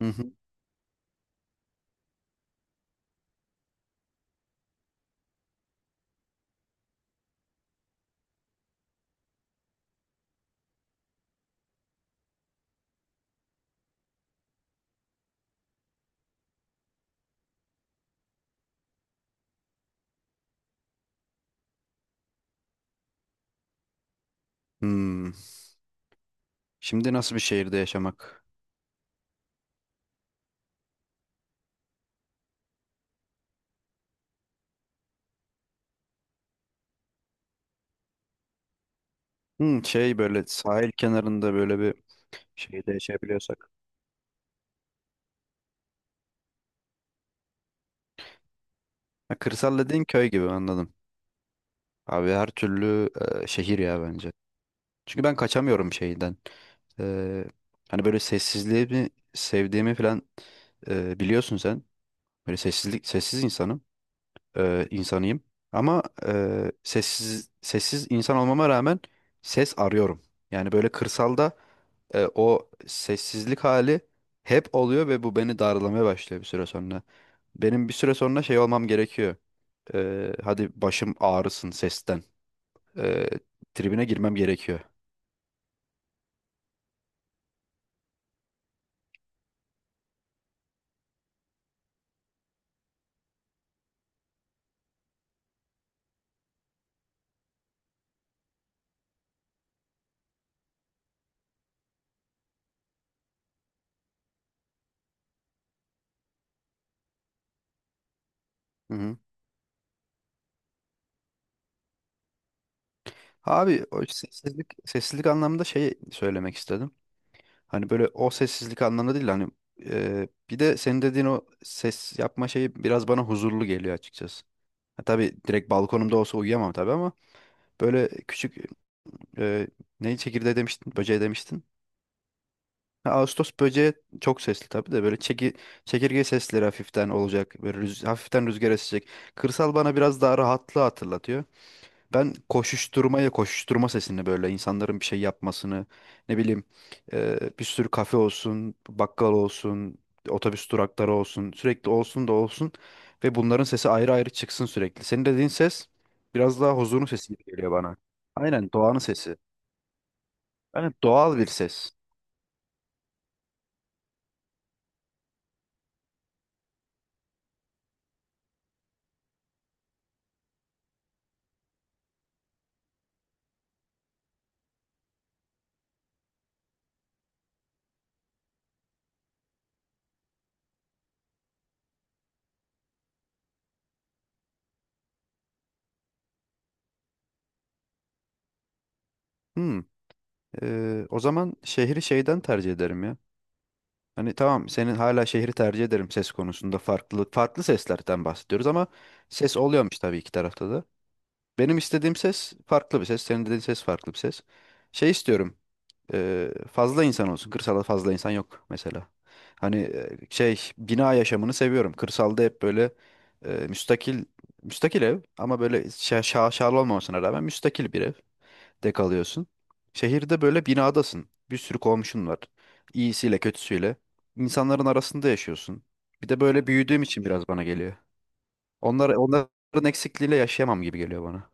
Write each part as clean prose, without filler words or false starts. Hı hı. Hmm. Şimdi nasıl bir şehirde yaşamak? Şey böyle sahil kenarında böyle bir şeyde yaşayabiliyorsak. Ha, kırsal dediğin köy gibi anladım. Abi her türlü şehir ya bence. Çünkü ben kaçamıyorum şeyden. E, Hani böyle sessizliği mi sevdiğimi falan biliyorsun sen. Böyle sessizlik sessiz insanım. İnsanıyım. Ama sessiz sessiz insan olmama rağmen ses arıyorum. Yani böyle kırsalda o sessizlik hali hep oluyor ve bu beni darlamaya başlıyor bir süre sonra. Benim bir süre sonra şey olmam gerekiyor. Hadi başım ağrısın sesten. E, tribine girmem gerekiyor. Hı hı. Abi o sessizlik sessizlik anlamında şey söylemek istedim. Hani böyle o sessizlik anlamında değil, hani bir de senin dediğin o ses yapma şeyi biraz bana huzurlu geliyor açıkçası. Ha, tabii direkt balkonumda olsa uyuyamam tabii ama böyle küçük e, neyi, çekirdeği demiştin, böceği demiştin. Ha, Ağustos böceği çok sesli tabii de böyle çekirge sesleri hafiften olacak. Böyle hafiften rüzgar esecek. Kırsal bana biraz daha rahatlığı hatırlatıyor. Ben koşuşturmaya, koşuşturma sesini, böyle insanların bir şey yapmasını, ne bileyim, bir sürü kafe olsun, bakkal olsun, otobüs durakları olsun, sürekli olsun da olsun ve bunların sesi ayrı ayrı çıksın sürekli. Senin dediğin ses biraz daha huzurun sesi gibi geliyor bana. Aynen doğanın sesi. Yani doğal bir ses. Hmm. O zaman şehri şeyden tercih ederim ya. Hani tamam, senin hala şehri tercih ederim, ses konusunda farklı farklı seslerden bahsediyoruz ama ses oluyormuş tabii iki tarafta da. Benim istediğim ses farklı bir ses. Senin dediğin ses farklı bir ses. Şey istiyorum. Fazla insan olsun. Kırsalda fazla insan yok mesela. Hani şey, bina yaşamını seviyorum. Kırsalda hep böyle müstakil, ev, ama böyle şaşalı olmamasına rağmen müstakil bir evde kalıyorsun. Şehirde böyle binadasın. Bir sürü komşun var. İyisiyle kötüsüyle. İnsanların arasında yaşıyorsun. Bir de böyle büyüdüğüm için biraz bana geliyor. Onların eksikliğiyle yaşayamam gibi geliyor bana.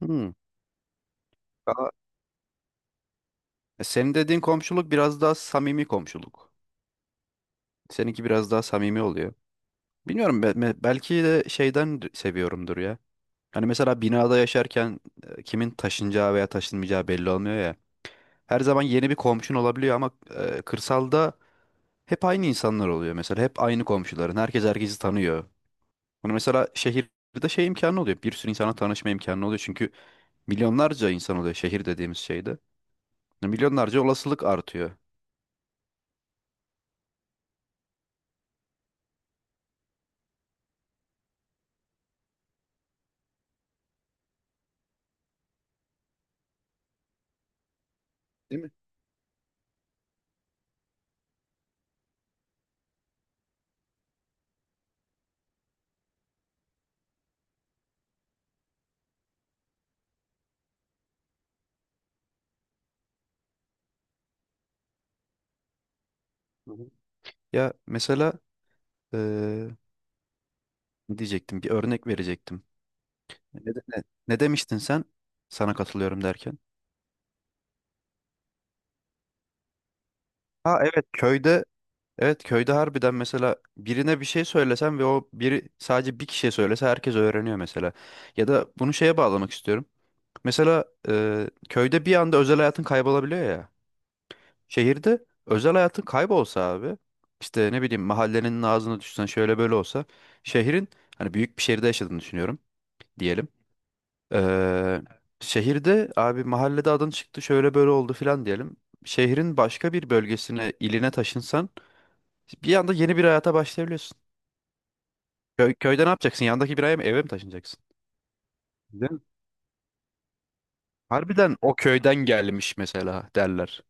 Hmm. Senin dediğin komşuluk biraz daha samimi komşuluk. Seninki biraz daha samimi oluyor. Bilmiyorum, belki de şeyden seviyorumdur ya. Hani mesela binada yaşarken kimin taşınacağı veya taşınmayacağı belli olmuyor ya. Her zaman yeni bir komşun olabiliyor ama kırsalda hep aynı insanlar oluyor mesela. Hep aynı komşuların. Herkes herkesi tanıyor. Bunu mesela şehirde şey imkanı oluyor. Bir sürü insana tanışma imkanı oluyor. Çünkü milyonlarca insan oluyor şehir dediğimiz şeyde. Milyonlarca olasılık artıyor. Değil mi? Hı hı. Ya mesela Ee, ne diyecektim? Bir örnek verecektim. Ne demiştin sen? Sana katılıyorum derken. Ha evet, köyde harbiden mesela birine bir şey söylesen ve o biri sadece bir kişiye söylese herkes öğreniyor mesela. Ya da bunu şeye bağlamak istiyorum. Mesela köyde bir anda özel hayatın kaybolabiliyor ya. Şehirde özel hayatın kaybolsa abi, işte ne bileyim, mahallenin ağzına düşsen, şöyle böyle olsa, şehrin, hani büyük bir şehirde yaşadığını düşünüyorum diyelim. Eee, şehirde abi, mahallede adın çıktı, şöyle böyle oldu filan diyelim. Şehrin başka bir bölgesine, iline taşınsan bir anda yeni bir hayata başlayabiliyorsun. Köyde ne yapacaksın? Yandaki bir aya mı, eve mi taşınacaksın? Değil mi? Harbiden o köyden gelmiş mesela derler.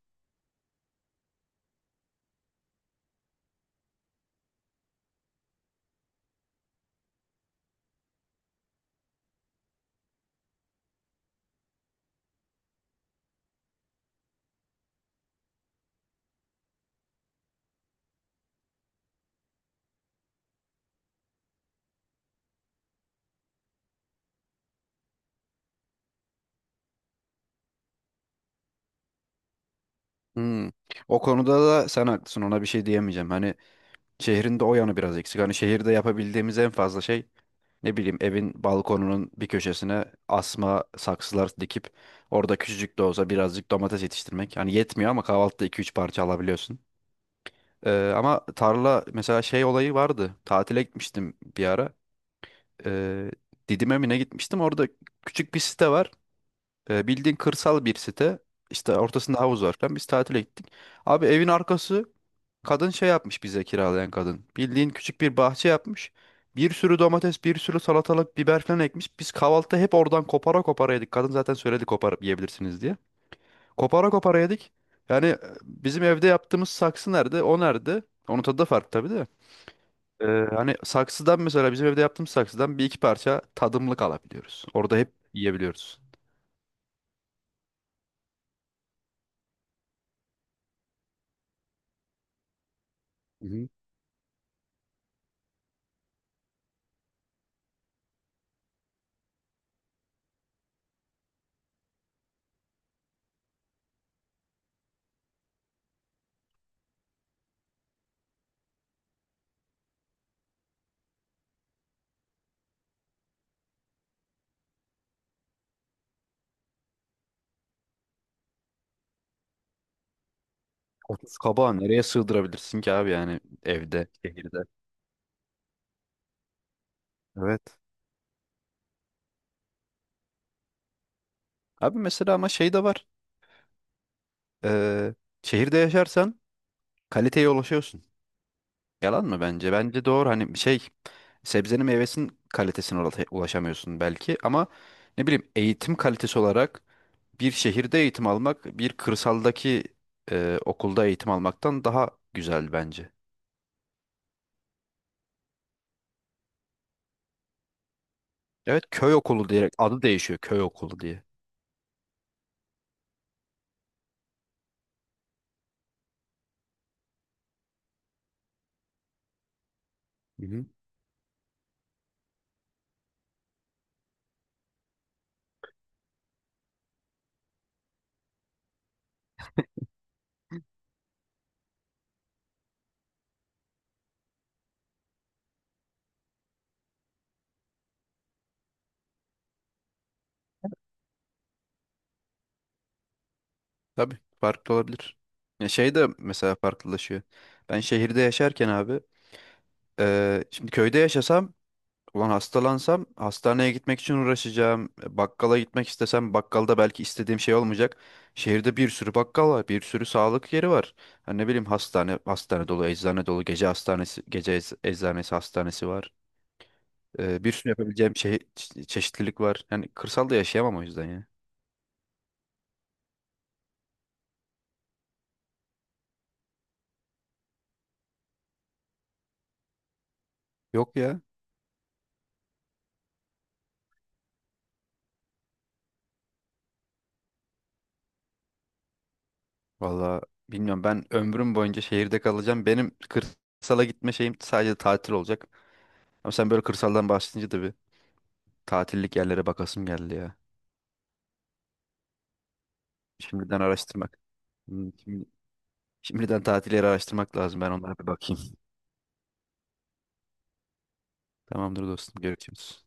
Hmm. O konuda da sen haklısın, ona bir şey diyemeyeceğim. Hani şehrin de o yanı biraz eksik. Hani şehirde yapabildiğimiz en fazla şey, ne bileyim, evin balkonunun bir köşesine asma saksılar dikip orada küçücük de olsa birazcık domates yetiştirmek. Hani yetmiyor ama kahvaltıda iki üç parça alabiliyorsun. Ama tarla, mesela şey olayı vardı. Tatile gitmiştim bir ara. Ee, Didim'e mi ne gitmiştim? Orada küçük bir site var. Bildiğin kırsal bir site. İşte ortasında havuz var falan. Biz tatile gittik. Abi evin arkası, kadın şey yapmış bize, kiralayan kadın. Bildiğin küçük bir bahçe yapmış. Bir sürü domates, bir sürü salatalık, biber falan ekmiş. Biz kahvaltıda hep oradan kopara kopara yedik. Kadın zaten söyledi koparıp yiyebilirsiniz diye. Kopara kopara yedik. Yani bizim evde yaptığımız saksı nerede? O nerede? Onun tadı da farklı tabii de. Ee, hani saksıdan, mesela bizim evde yaptığımız saksıdan, bir iki parça tadımlık alabiliyoruz. Orada hep yiyebiliyoruz. Hı hı. 30 kabağı nereye sığdırabilirsin ki abi, yani evde, şehirde? Evet. Abi mesela ama şey de var. Ee, şehirde yaşarsan kaliteye ulaşıyorsun. Yalan mı bence? Bence doğru. Hani şey, sebzenin meyvesinin kalitesine ulaşamıyorsun belki ama ne bileyim, eğitim kalitesi olarak bir şehirde eğitim almak, bir kırsaldaki okulda eğitim almaktan daha güzel bence. Evet, köy okulu diyerek adı değişiyor, köy okulu diye. Hı hı. Tabii farklı olabilir. Ya şey de mesela farklılaşıyor. Ben şehirde yaşarken abi, şimdi köyde yaşasam ulan hastalansam hastaneye gitmek için uğraşacağım. Bakkala gitmek istesem bakkalda belki istediğim şey olmayacak. Şehirde bir sürü bakkal var, bir sürü sağlık yeri var. Ha, ne bileyim, hastane, hastane dolu, eczane dolu, gece hastanesi, gece eczanesi, hastanesi var. Bir sürü yapabileceğim şey, çeşitlilik var. Yani kırsalda yaşayamam o yüzden ya. Yok ya. Valla bilmiyorum, ben ömrüm boyunca şehirde kalacağım. Benim kırsala gitme şeyim sadece tatil olacak. Ama sen böyle kırsaldan bahsedince de bir tatillik yerlere bakasım geldi ya. Şimdiden araştırmak. Hmm, Şimdi, şimdiden tatil yeri araştırmak lazım. Ben onlara bir bakayım. Tamamdır dostum. Görüşürüz.